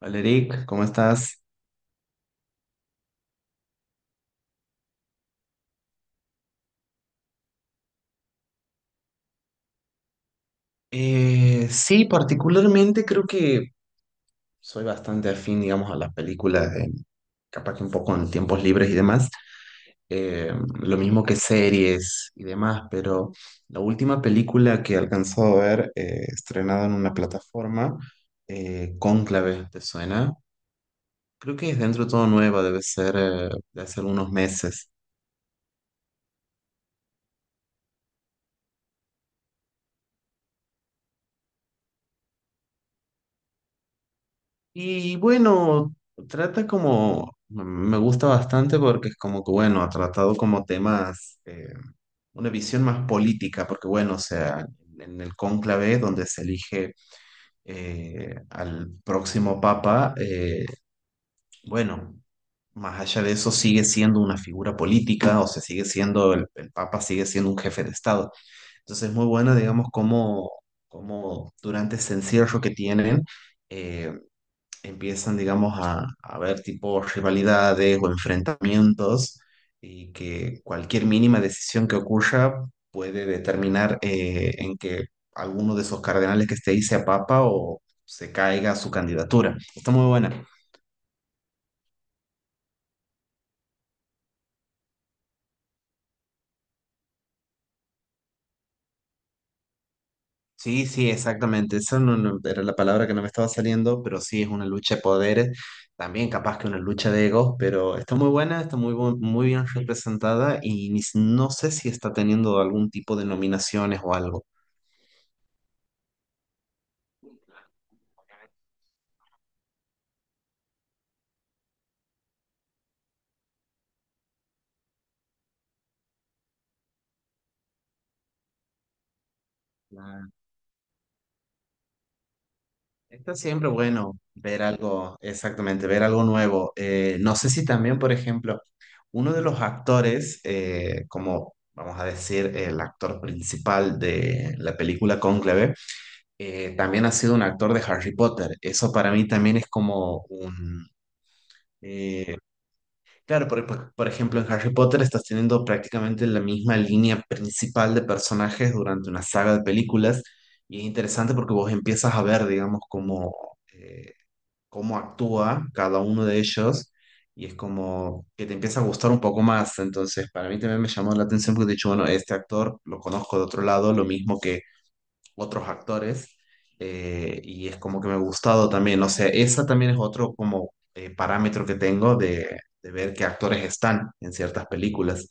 Hola Eric, ¿cómo estás? Sí, particularmente creo que soy bastante afín, digamos, a las películas, capaz que un poco en tiempos libres y demás, eh, lo mismo que series y demás, pero la última película que alcanzó a ver, estrenada en una plataforma, Cónclave, ¿te suena? Creo que es dentro de todo nueva, debe ser de hace unos meses. Y bueno, trata como, me gusta bastante porque es como que, bueno, ha tratado como temas, una visión más política, porque bueno, o sea, en el cónclave donde se elige al próximo papa, bueno, más allá de eso sigue siendo una figura política, o sea, sigue siendo, el papa sigue siendo un jefe de Estado. Entonces es muy buena, digamos, como, como durante ese encierro que tienen. eh, Empiezan, digamos, a haber tipo rivalidades o enfrentamientos y que cualquier mínima decisión que ocurra puede determinar en que alguno de esos cardenales que esté ahí sea papa o se caiga su candidatura. Está muy buena. Sí, sí, exactamente. Esa era la palabra que no me estaba saliendo, pero sí es una lucha de poderes, también capaz que una lucha de egos, pero está muy buena, está muy bien representada y ni s- no sé si está teniendo algún tipo de nominaciones o algo. Claro. Está siempre bueno ver algo, exactamente, ver algo nuevo. No sé si también, por ejemplo, uno de los actores, como vamos a decir, el actor principal de la película Cónclave, también ha sido un actor de Harry Potter. Eso para mí también es como un... eh, claro, por ejemplo, en Harry Potter estás teniendo prácticamente la misma línea principal de personajes durante una saga de películas. Y es interesante porque vos empiezas a ver, digamos, como... eh, cómo actúa cada uno de ellos y es como que te empieza a gustar un poco más. Entonces, para mí también me llamó la atención porque he dicho, bueno, este actor lo conozco de otro lado, lo mismo que otros actores, y es como que me ha gustado también. O sea, esa también es otro como parámetro que tengo de ver qué actores están en ciertas películas.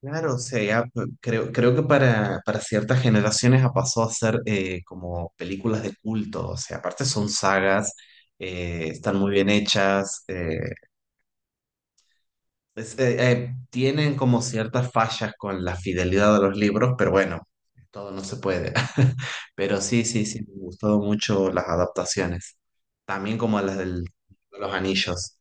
Claro, o sea, ya, creo, creo que para ciertas generaciones ha pasado a ser como películas de culto, o sea, aparte son sagas, están muy bien hechas, tienen como ciertas fallas con la fidelidad de los libros, pero bueno, todo no se puede. Pero sí, sí, sí, me han gustado mucho las adaptaciones, también como las del, de los anillos.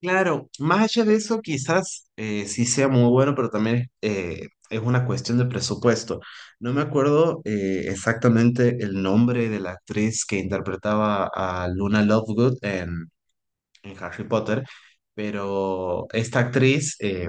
Claro, más allá de eso, quizás sí sea muy bueno, pero también es una cuestión de presupuesto. No me acuerdo exactamente el nombre de la actriz que interpretaba a Luna Lovegood en Harry Potter, pero esta actriz, eh,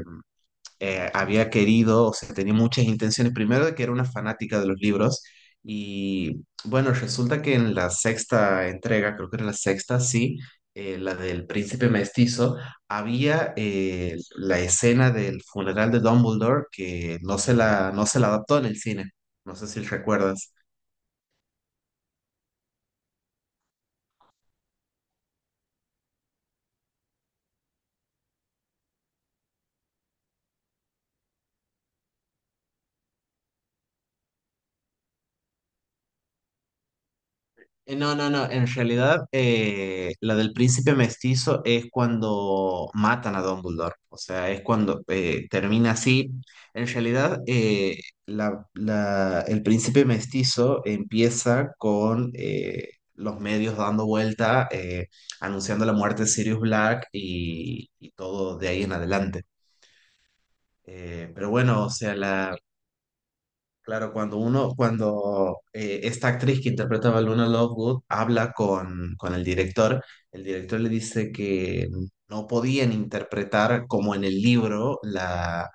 eh, había querido, o sea, tenía muchas intenciones, primero de que era una fanática de los libros y bueno, resulta que en la sexta entrega, creo que era la sexta, sí, la del príncipe mestizo, había la escena del funeral de Dumbledore que no se la adaptó en el cine, no sé si recuerdas. No, no, no. En realidad, la del príncipe mestizo es cuando matan a Dumbledore. O sea, es cuando termina así. En realidad, el príncipe mestizo empieza con los medios dando vuelta, anunciando la muerte de Sirius Black y todo de ahí en adelante. Pero bueno, o sea, la claro, cuando uno, cuando esta actriz que interpretaba a Luna Lovegood habla con el director le dice que no podían interpretar como en el libro,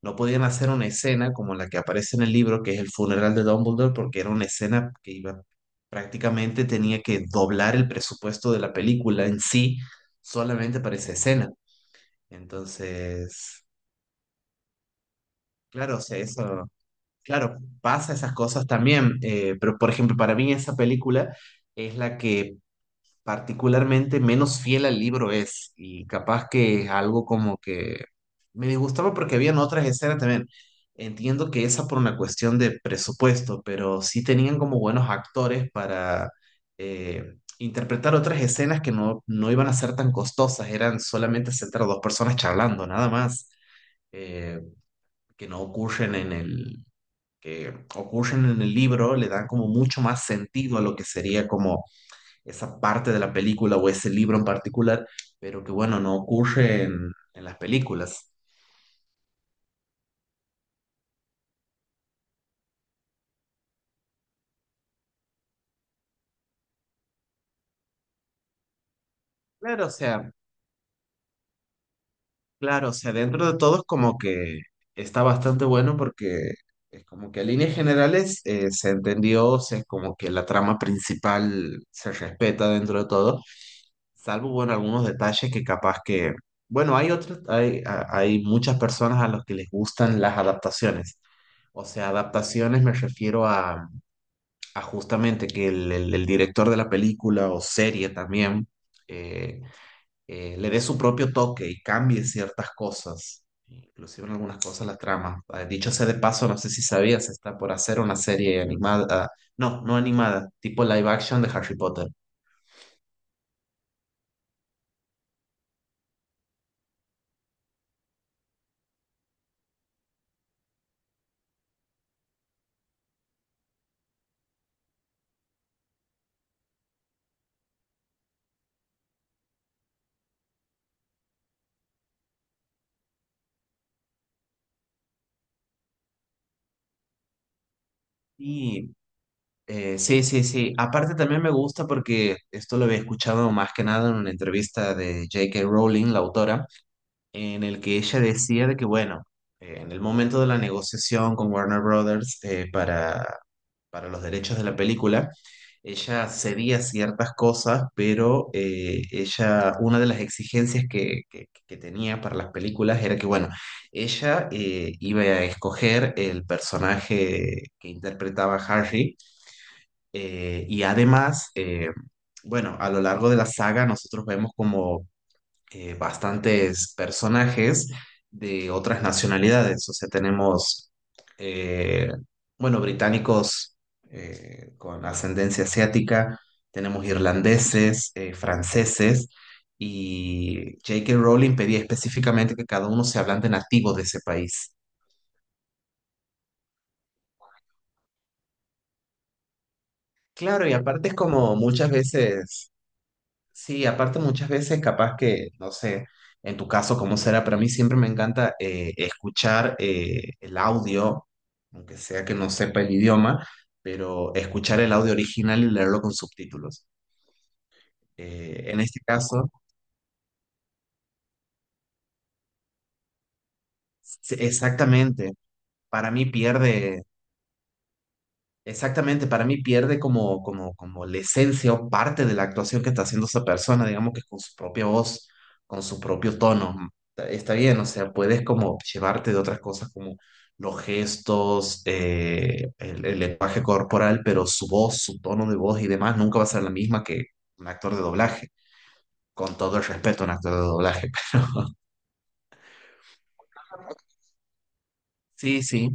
no podían hacer una escena como la que aparece en el libro, que es el funeral de Dumbledore, porque era una escena que iba, prácticamente tenía que doblar el presupuesto de la película en sí solamente para esa escena. Entonces, claro, o sea, eso. Claro, pasa esas cosas también, pero por ejemplo, para mí esa película es la que particularmente menos fiel al libro es y capaz que es algo como que me disgustaba porque habían otras escenas también. Entiendo que esa por una cuestión de presupuesto, pero sí tenían como buenos actores para interpretar otras escenas que no iban a ser tan costosas, eran solamente sentar a dos personas charlando, nada más, eh, que no ocurren en el que ocurren en el libro le dan como mucho más sentido a lo que sería como esa parte de la película o ese libro en particular, pero que bueno, no ocurre en las películas. Claro, o sea, claro, o sea, dentro de todo es como que está bastante bueno porque es como que a líneas generales se entendió, o sea, es como que la trama principal se respeta dentro de todo, salvo bueno, algunos detalles que capaz que... Bueno, hay otros, hay muchas personas a las que les gustan las adaptaciones. O sea, adaptaciones me refiero a justamente que el director de la película o serie también eh, le dé su propio toque y cambie ciertas cosas, inclusive en algunas cosas la trama. Ah, dicho sea de paso, no sé si sabías, está por hacer una serie animada, no animada, tipo live action de Harry Potter. Y sí, sí, sí. Aparte también me gusta porque esto lo había escuchado más que nada en una entrevista de J.K. Rowling, la autora en el que ella decía de que, bueno, en el momento de la negociación con Warner Brothers para los derechos de la película, ella cedía ciertas cosas, pero ella, una de las exigencias que, que tenía para las películas era que, bueno, ella iba a escoger el personaje que interpretaba Harry eh, y además... eh, bueno, a lo largo de la saga nosotros vemos como bastantes personajes de otras nacionalidades. O sea, tenemos, eh, bueno, británicos con ascendencia asiática, tenemos irlandeses, franceses, y J.K. Rowling pedía específicamente que cada uno se hablante nativo de ese país. Claro, y aparte es como muchas veces sí, aparte muchas veces capaz que, no sé, en tu caso cómo será, pero a mí siempre me encanta escuchar el audio, aunque sea que no sepa el idioma, pero escuchar el audio original y leerlo con subtítulos. Eh, en este caso, sí, exactamente, para mí pierde, exactamente, para mí pierde como, como, como la esencia o parte de la actuación que está haciendo esa persona, digamos que con su propia voz, con su propio tono. Está bien, o sea, puedes como llevarte de otras cosas como los gestos, el lenguaje corporal, pero su voz, su tono de voz y demás nunca va a ser la misma que un actor de doblaje, con todo el respeto a un actor de doblaje. Sí, sí.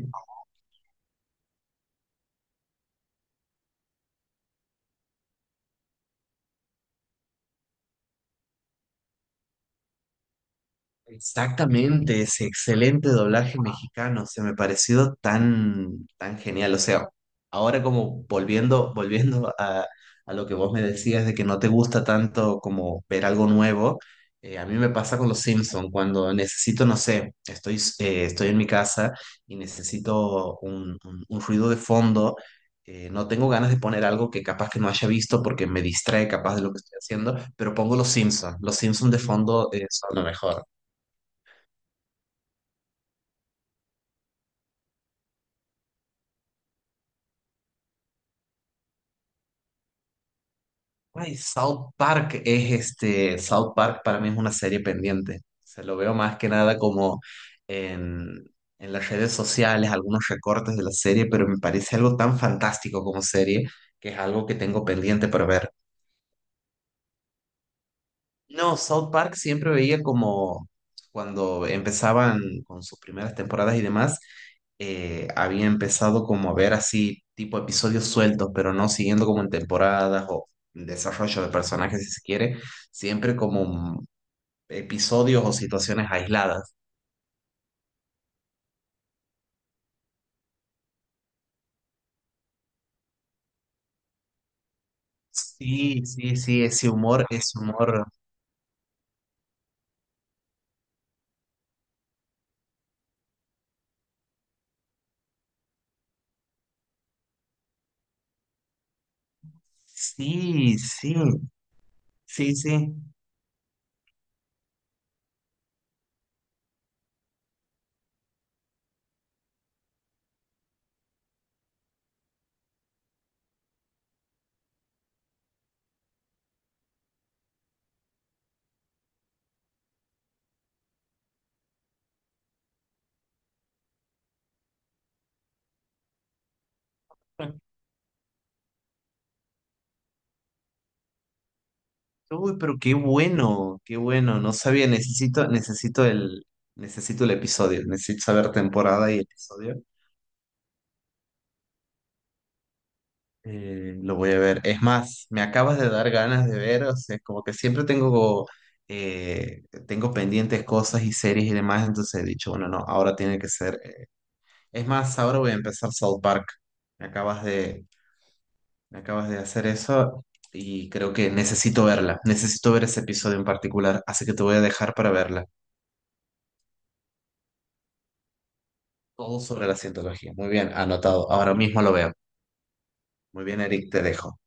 Exactamente, ese excelente doblaje mexicano, se me pareció tan, tan genial. O sea, ahora como volviendo, volviendo a lo que vos me decías de que no te gusta tanto como ver algo nuevo, a mí me pasa con los Simpson, cuando necesito, no sé, estoy en mi casa y necesito un ruido de fondo, no tengo ganas de poner algo que capaz que no haya visto porque me distrae capaz de lo que estoy haciendo, pero pongo los Simpson. Los Simpson de fondo, son lo mejor. Ay, South Park es este, South Park para mí es una serie pendiente. Se lo veo más que nada como en, en las redes sociales, algunos recortes de la serie, pero me parece algo tan fantástico como serie que es algo que tengo pendiente para ver. No, South Park siempre veía como cuando empezaban con sus primeras temporadas y demás, había empezado como a ver así tipo episodios sueltos, pero no siguiendo como en temporadas o desarrollo de personajes si se quiere, siempre como episodios o situaciones aisladas. Sí, sí, sí, ese humor, ese humor. Sí, sí, sí, sí. Uy, pero qué bueno, qué bueno. No sabía, necesito, necesito el episodio, necesito saber temporada y episodio. Lo voy a ver. Es más, me acabas de dar ganas de ver, o sea, como que siempre tengo, eh, tengo pendientes cosas y series y demás, entonces he dicho, bueno, no, ahora tiene que ser. Es más, ahora voy a empezar South Park. Me acabas de, me acabas de hacer eso y creo que necesito verla, necesito ver ese episodio en particular, así que te voy a dejar para verla. Todo sobre la cientología. Muy bien, anotado. Ahora mismo lo veo. Muy bien, Eric, te dejo.